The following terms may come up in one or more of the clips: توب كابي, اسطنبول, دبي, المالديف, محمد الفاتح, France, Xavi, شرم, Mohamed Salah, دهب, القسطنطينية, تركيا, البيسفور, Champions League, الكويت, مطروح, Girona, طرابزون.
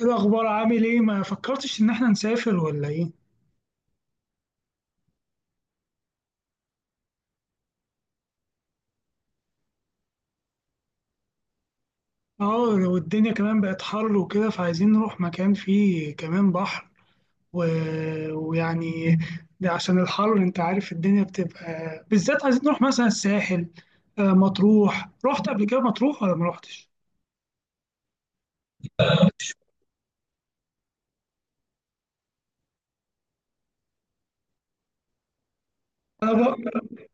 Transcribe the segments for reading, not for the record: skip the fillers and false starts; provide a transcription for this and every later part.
إيه الأخبار؟ عامل إيه؟ ما فكرتش إن إحنا نسافر ولا إيه؟ آه، والدنيا كمان بقت حر وكده، فعايزين نروح مكان فيه كمان بحر. و... ويعني ده عشان الحر، أنت عارف الدنيا بتبقى، بالذات عايزين نروح مثلا الساحل. آه، مطروح رحت قبل كده مطروح ولا ما رحتش؟ أنا ب...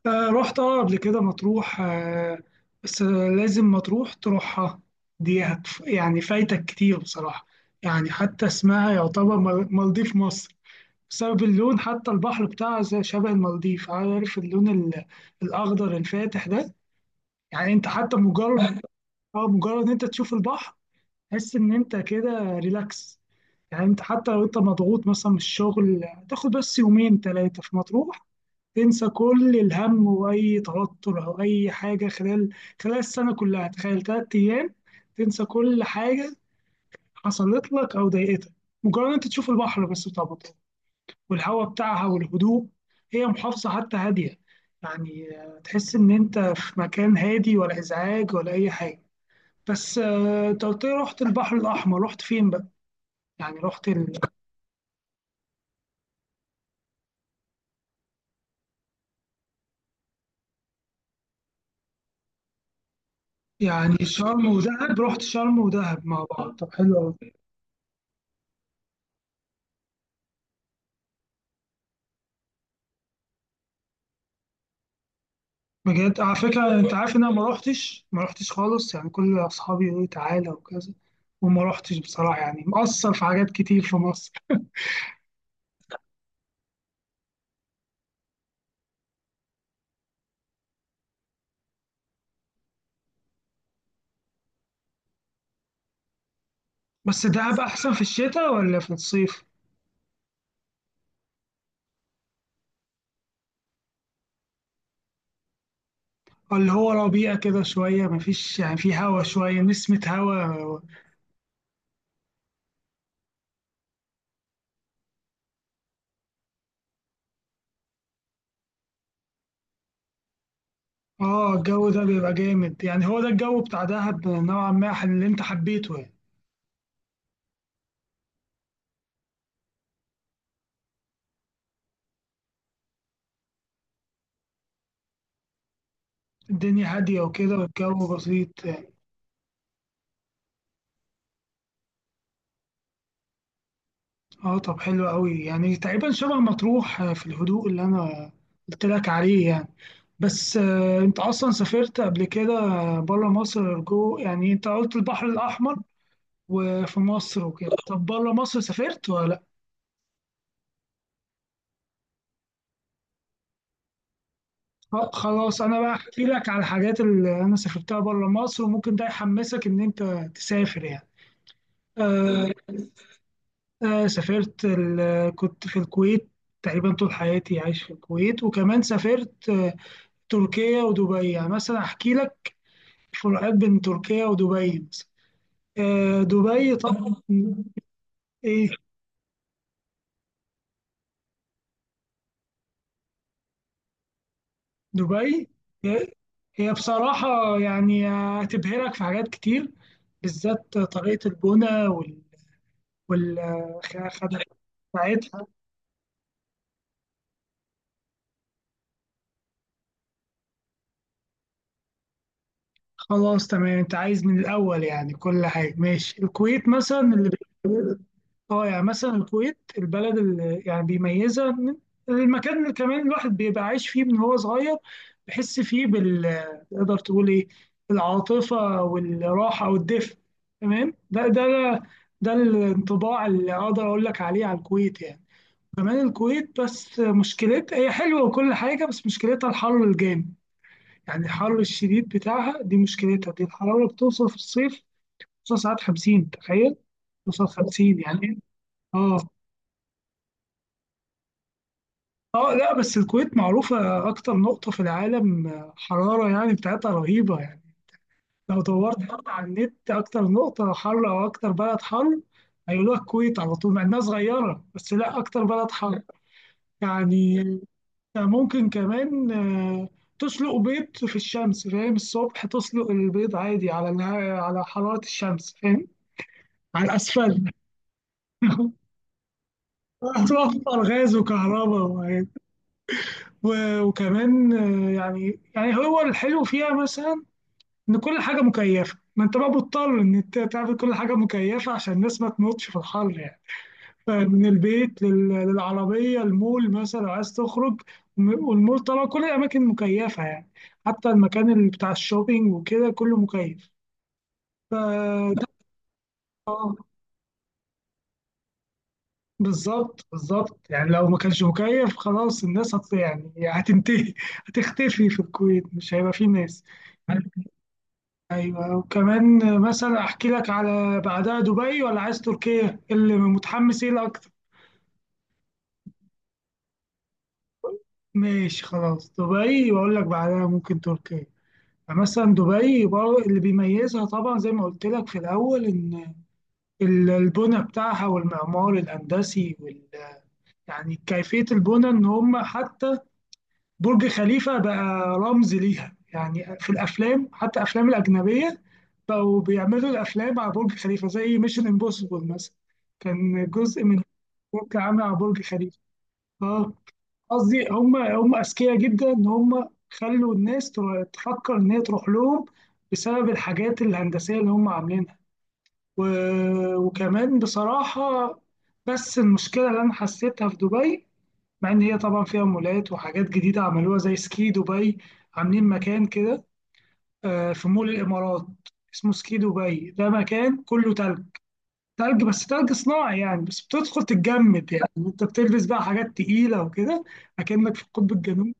آه، رحت، آه، قبل كده مطروح، آه. بس لازم مطروح تروحها. دي هت... يعني فايتك كتير بصراحة. يعني حتى اسمها يعتبر مالديف مصر، بسبب اللون. حتى البحر بتاعها شبه المالديف، عارف اللون الأخضر الفاتح ده. يعني أنت حتى مجرد أه، مجرد أنت تشوف البحر، تحس إن أنت كده ريلاكس. يعني أنت حتى لو أنت مضغوط مثلا من الشغل، تاخد بس يومين تلاتة في مطروح، تنسى كل الهم وأي توتر أو أي حاجة خلال السنة كلها. تخيل تلات أيام تنسى كل حاجة حصلت لك أو ضايقتك، مجرد أنت تشوف البحر بس، طبعا، والهواء بتاعها والهدوء. هي محافظة حتى هادية، تحس إن أنت في مكان هادي، ولا إزعاج ولا أي حاجة. بس آه، أنت قلت لي رحت البحر الأحمر، رحت فين بقى؟ يعني رحت ال... يعني شرم ودهب، رحت شرم ودهب مع بعض؟ طب حلو أوي. بجد؟ على فكرة أنت عارف إن أنا ما رحتش خالص؟ يعني كل أصحابي يقولوا لي تعالى وكذا، وما رحتش بصراحة. يعني مقصر في حاجات كتير في مصر. بس دهب أحسن في الشتاء ولا في الصيف؟ اللي هو ربيع كده شوية، مفيش يعني، في هوا، شوية نسمة هوا. اه، الجو ده بيبقى جامد، يعني هو ده الجو بتاع دهب نوعا ما اللي انت حبيته يعني. الدنيا هادية وكده، والجو بسيط. اه، طب حلو قوي. يعني تقريبا شبه مطروح في الهدوء اللي انا قلت لك عليه يعني. بس آه، انت اصلا سافرت قبل كده بره مصر، جو؟ يعني انت قلت البحر الاحمر وفي مصر وكده، طب بره مصر سافرت ولا؟ طب خلاص، انا بقى احكي لك على الحاجات اللي انا سافرتها بره مصر، وممكن ده يحمسك ان انت تسافر يعني. آه، آه، سافرت كنت في الكويت تقريبا طول حياتي، عايش في الكويت. وكمان سافرت آه، تركيا ودبي. يعني مثلا احكي لك فروقات بين تركيا ودبي مثلا. آه، دبي طبعا، ايه دبي؟ هي هي بصراحة يعني هتبهرك في حاجات كتير، بالذات طريقة البنى والخدمة بتاعتها. خلاص تمام، انت عايز من الاول يعني كل حاجه، ماشي. الكويت مثلا، اللي بي- اه يعني مثلا الكويت، البلد اللي يعني بيميزها من المكان اللي كمان الواحد بيبقى عايش فيه من هو صغير، بيحس فيه بال، تقدر تقول ايه، العاطفه والراحه والدفء. تمام؟ ده الانطباع اللي اقدر اقول لك عليه على الكويت يعني. كمان الكويت بس مشكلتها، هي حلوه وكل حاجه، بس مشكلتها الحر الجامد. يعني الحر الشديد بتاعها دي مشكلتها. دي الحرارة بتوصل في الصيف، بتوصل ساعات 50، تخيل، بتوصل 50، يعني إيه؟ اه، اه، لا بس الكويت معروفة أكتر نقطة في العالم آه، حرارة، يعني بتاعتها رهيبة يعني. لو دورت برضه على النت أكتر نقطة حر أو أكتر بلد حر، هيقولوا لك الكويت على طول. مع إنها صغيرة، بس لا، أكتر بلد حر يعني. ممكن كمان آه، تسلق بيض في الشمس، فاهم؟ الصبح تسلق البيض عادي على على حرارة الشمس، فاهم، على الأسفل. هتوفر غاز وكهرباء وكمان آه، يعني هو الحلو فيها مثلا، إن كل حاجة مكيفة. ما أنت بقى مضطر إن أنت تعمل كل حاجة مكيفة عشان الناس ما تموتش في الحر يعني. فمن البيت للعربية، المول مثلا لو عايز تخرج، والمول طبعا كل الأماكن مكيفة يعني. حتى المكان اللي بتاع الشوبينج وكده كله مكيف. ف بالظبط، بالظبط. يعني لو ما كانش مكيف، خلاص الناس هت، يعني هتنتهي، هتختفي في الكويت، مش هيبقى فيه ناس. ايوه، وكمان مثلا احكي لك على بعدها دبي، ولا عايز تركيا؟ اللي متحمس ايه الاكتر؟ ماشي خلاص، دبي واقول لك بعدها ممكن تركيا. فمثلا دبي برضه اللي بيميزها، طبعا زي ما قلت لك في الاول، ان البنى بتاعها والمعمار الهندسي وال، يعني كيفيه البنى. ان هم حتى برج خليفة بقى رمز ليها، يعني في الأفلام، حتى أفلام الأجنبية بقوا بيعملوا الأفلام على برج خليفة، زي ميشن امبوسيبل مثلا، كان جزء من برج عامل على برج خليفة. اه. قصدي هم، هم أذكياء جدا إن هم خلوا الناس تفكر إن هي تروح لهم بسبب الحاجات الهندسية اللي هم عاملينها. و... وكمان بصراحة، بس المشكلة اللي أنا حسيتها في دبي، مع ان هي طبعا فيها مولات وحاجات جديده عملوها زي سكي دبي، عاملين مكان كده آه، في مول الامارات اسمه سكي دبي. ده مكان كله تلج، تلج بس تلج صناعي يعني. بس بتدخل تتجمد يعني، انت بتلبس بقى حاجات تقيله وكده، اكنك في القطب الجنوبي.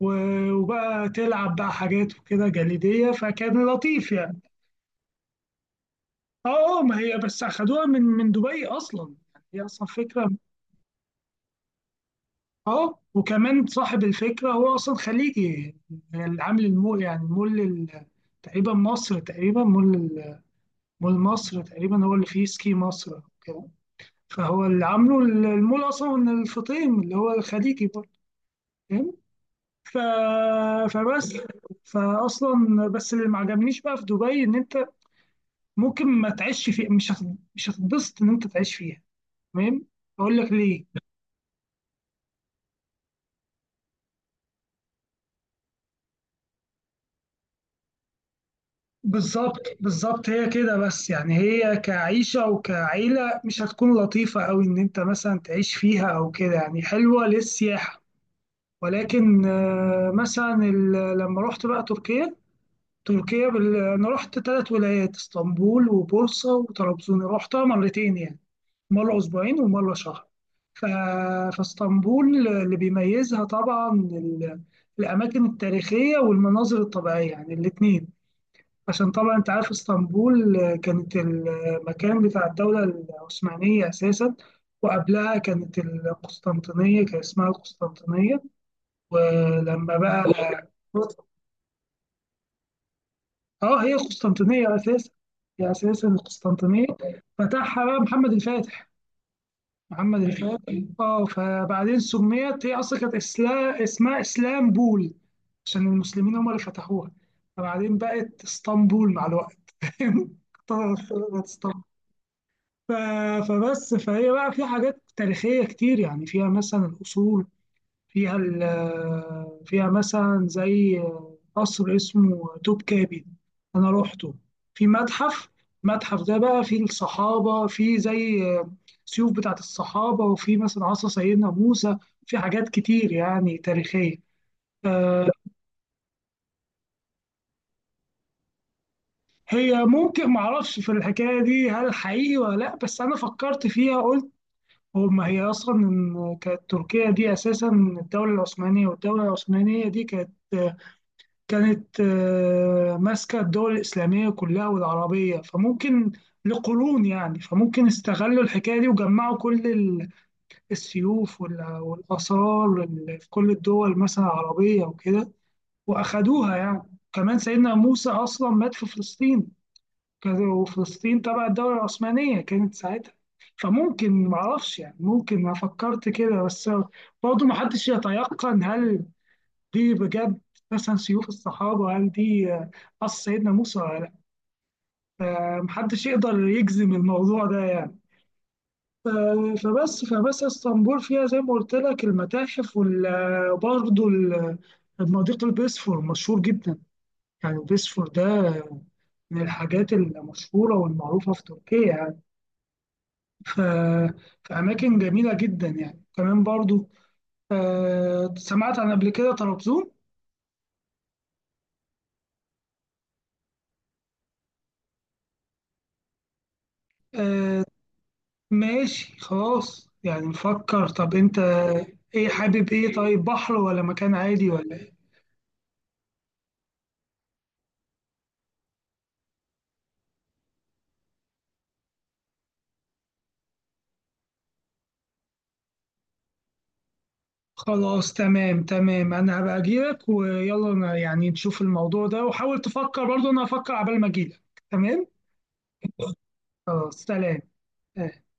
وبقى تلعب بقى حاجات وكده جليديه. فكان لطيف يعني. اه، آه، ما هي بس اخدوها من دبي اصلا، يعني هي اصلا فكره. اه، وكمان صاحب الفكرة هو أصلا خليجي. العامل المو، يعني مول ال- تقريبا مصر تقريبا مول ال- مول مصر تقريبا هو اللي فيه سكي مصر كده. فهو اللي عامله المول، أصلا من الفطيم اللي هو الخليجي برضه، فاهم. ف... فبس فأصلا بس اللي ما عجبنيش بقى في دبي إن أنت ممكن ما تعيش فيها، مش مش هتتبسط إن أنت تعيش فيها، تمام؟ أقول لك ليه. بالظبط. هي كده، بس يعني هي كعيشة وكعيلة مش هتكون لطيفة أوي إن أنت مثلا تعيش فيها أو كده، يعني حلوة للسياحة. ولكن آه، مثلا لما رحت بقى تركيا، تركيا أنا رحت ثلاث ولايات، اسطنبول وبورصة وطرابزون. رحتها مرتين يعني، مرة أسبوعين ومرة شهر. ف... فاسطنبول اللي بيميزها طبعا الأماكن التاريخية والمناظر الطبيعية، يعني الاتنين. عشان طبعا انت عارف اسطنبول آه، كانت المكان بتاع الدولة العثمانية أساسا، وقبلها كانت القسطنطينية، كان اسمها القسطنطينية. ولما بقى، اه، هي القسطنطينية أساسا، هي أساسا القسطنطينية. فتحها بقى محمد الفاتح. اه، فبعدين سميت، هي أصلا اسمها اسلامبول، عشان المسلمين هم اللي فتحوها. فبعدين بقت اسطنبول مع الوقت فاهم؟ اخترعت اسطنبول. ف- فبس فهي بقى في حاجات تاريخية كتير يعني. فيها مثلا الأصول، فيها مثلا زي قصر اسمه توب كابي، أنا روحته. في متحف، المتحف ده بقى فيه الصحابة، فيه زي سيوف بتاعت الصحابة، وفيه مثلا عصا سيدنا موسى. في حاجات كتير يعني تاريخية. آه، هي ممكن، معرفش في الحكاية دي هل حقيقي ولا لأ، بس أنا فكرت فيها، قلت هما، هي أصلا إن كانت تركيا دي أساسا الدولة العثمانية، والدولة العثمانية دي كانت، ماسكة الدول الإسلامية كلها والعربية، فممكن، لقرون يعني، فممكن استغلوا الحكاية دي وجمعوا كل السيوف والآثار في كل الدول مثلا العربية وكده، وأخدوها يعني. كمان سيدنا موسى أصلا مات في فلسطين كذا، وفلسطين تبع الدولة العثمانية كانت ساعتها. فممكن، معرفش يعني، ممكن، أنا فكرت كده بس. برضه محدش يتيقن هل دي بجد، مثلا سيوف الصحابة هل دي قص سيدنا موسى ولا لأ. محدش يقدر يجزم الموضوع ده يعني. ف- فبس فبس اسطنبول فيها زي ما قلت لك المتاحف، وبرضه المضيق البيسفور مشهور جدا. يعني البيسفور ده من الحاجات المشهورة والمعروفة في تركيا. ف- في أماكن جميلة جدا يعني. كمان برضو آه، سمعت عن قبل كده طرابزون. آه، ماشي خلاص يعني نفكر. طب أنت إيه حابب؟ إيه، طيب، بحر ولا مكان عادي ولا إيه؟ خلاص تمام، تمام. أنا هبقى أجيلك ويلا يعني نشوف الموضوع ده، وحاول تفكر برضو، أنا هفكر عبال ما أجيلك. تمام؟ خلاص، سلام. آه.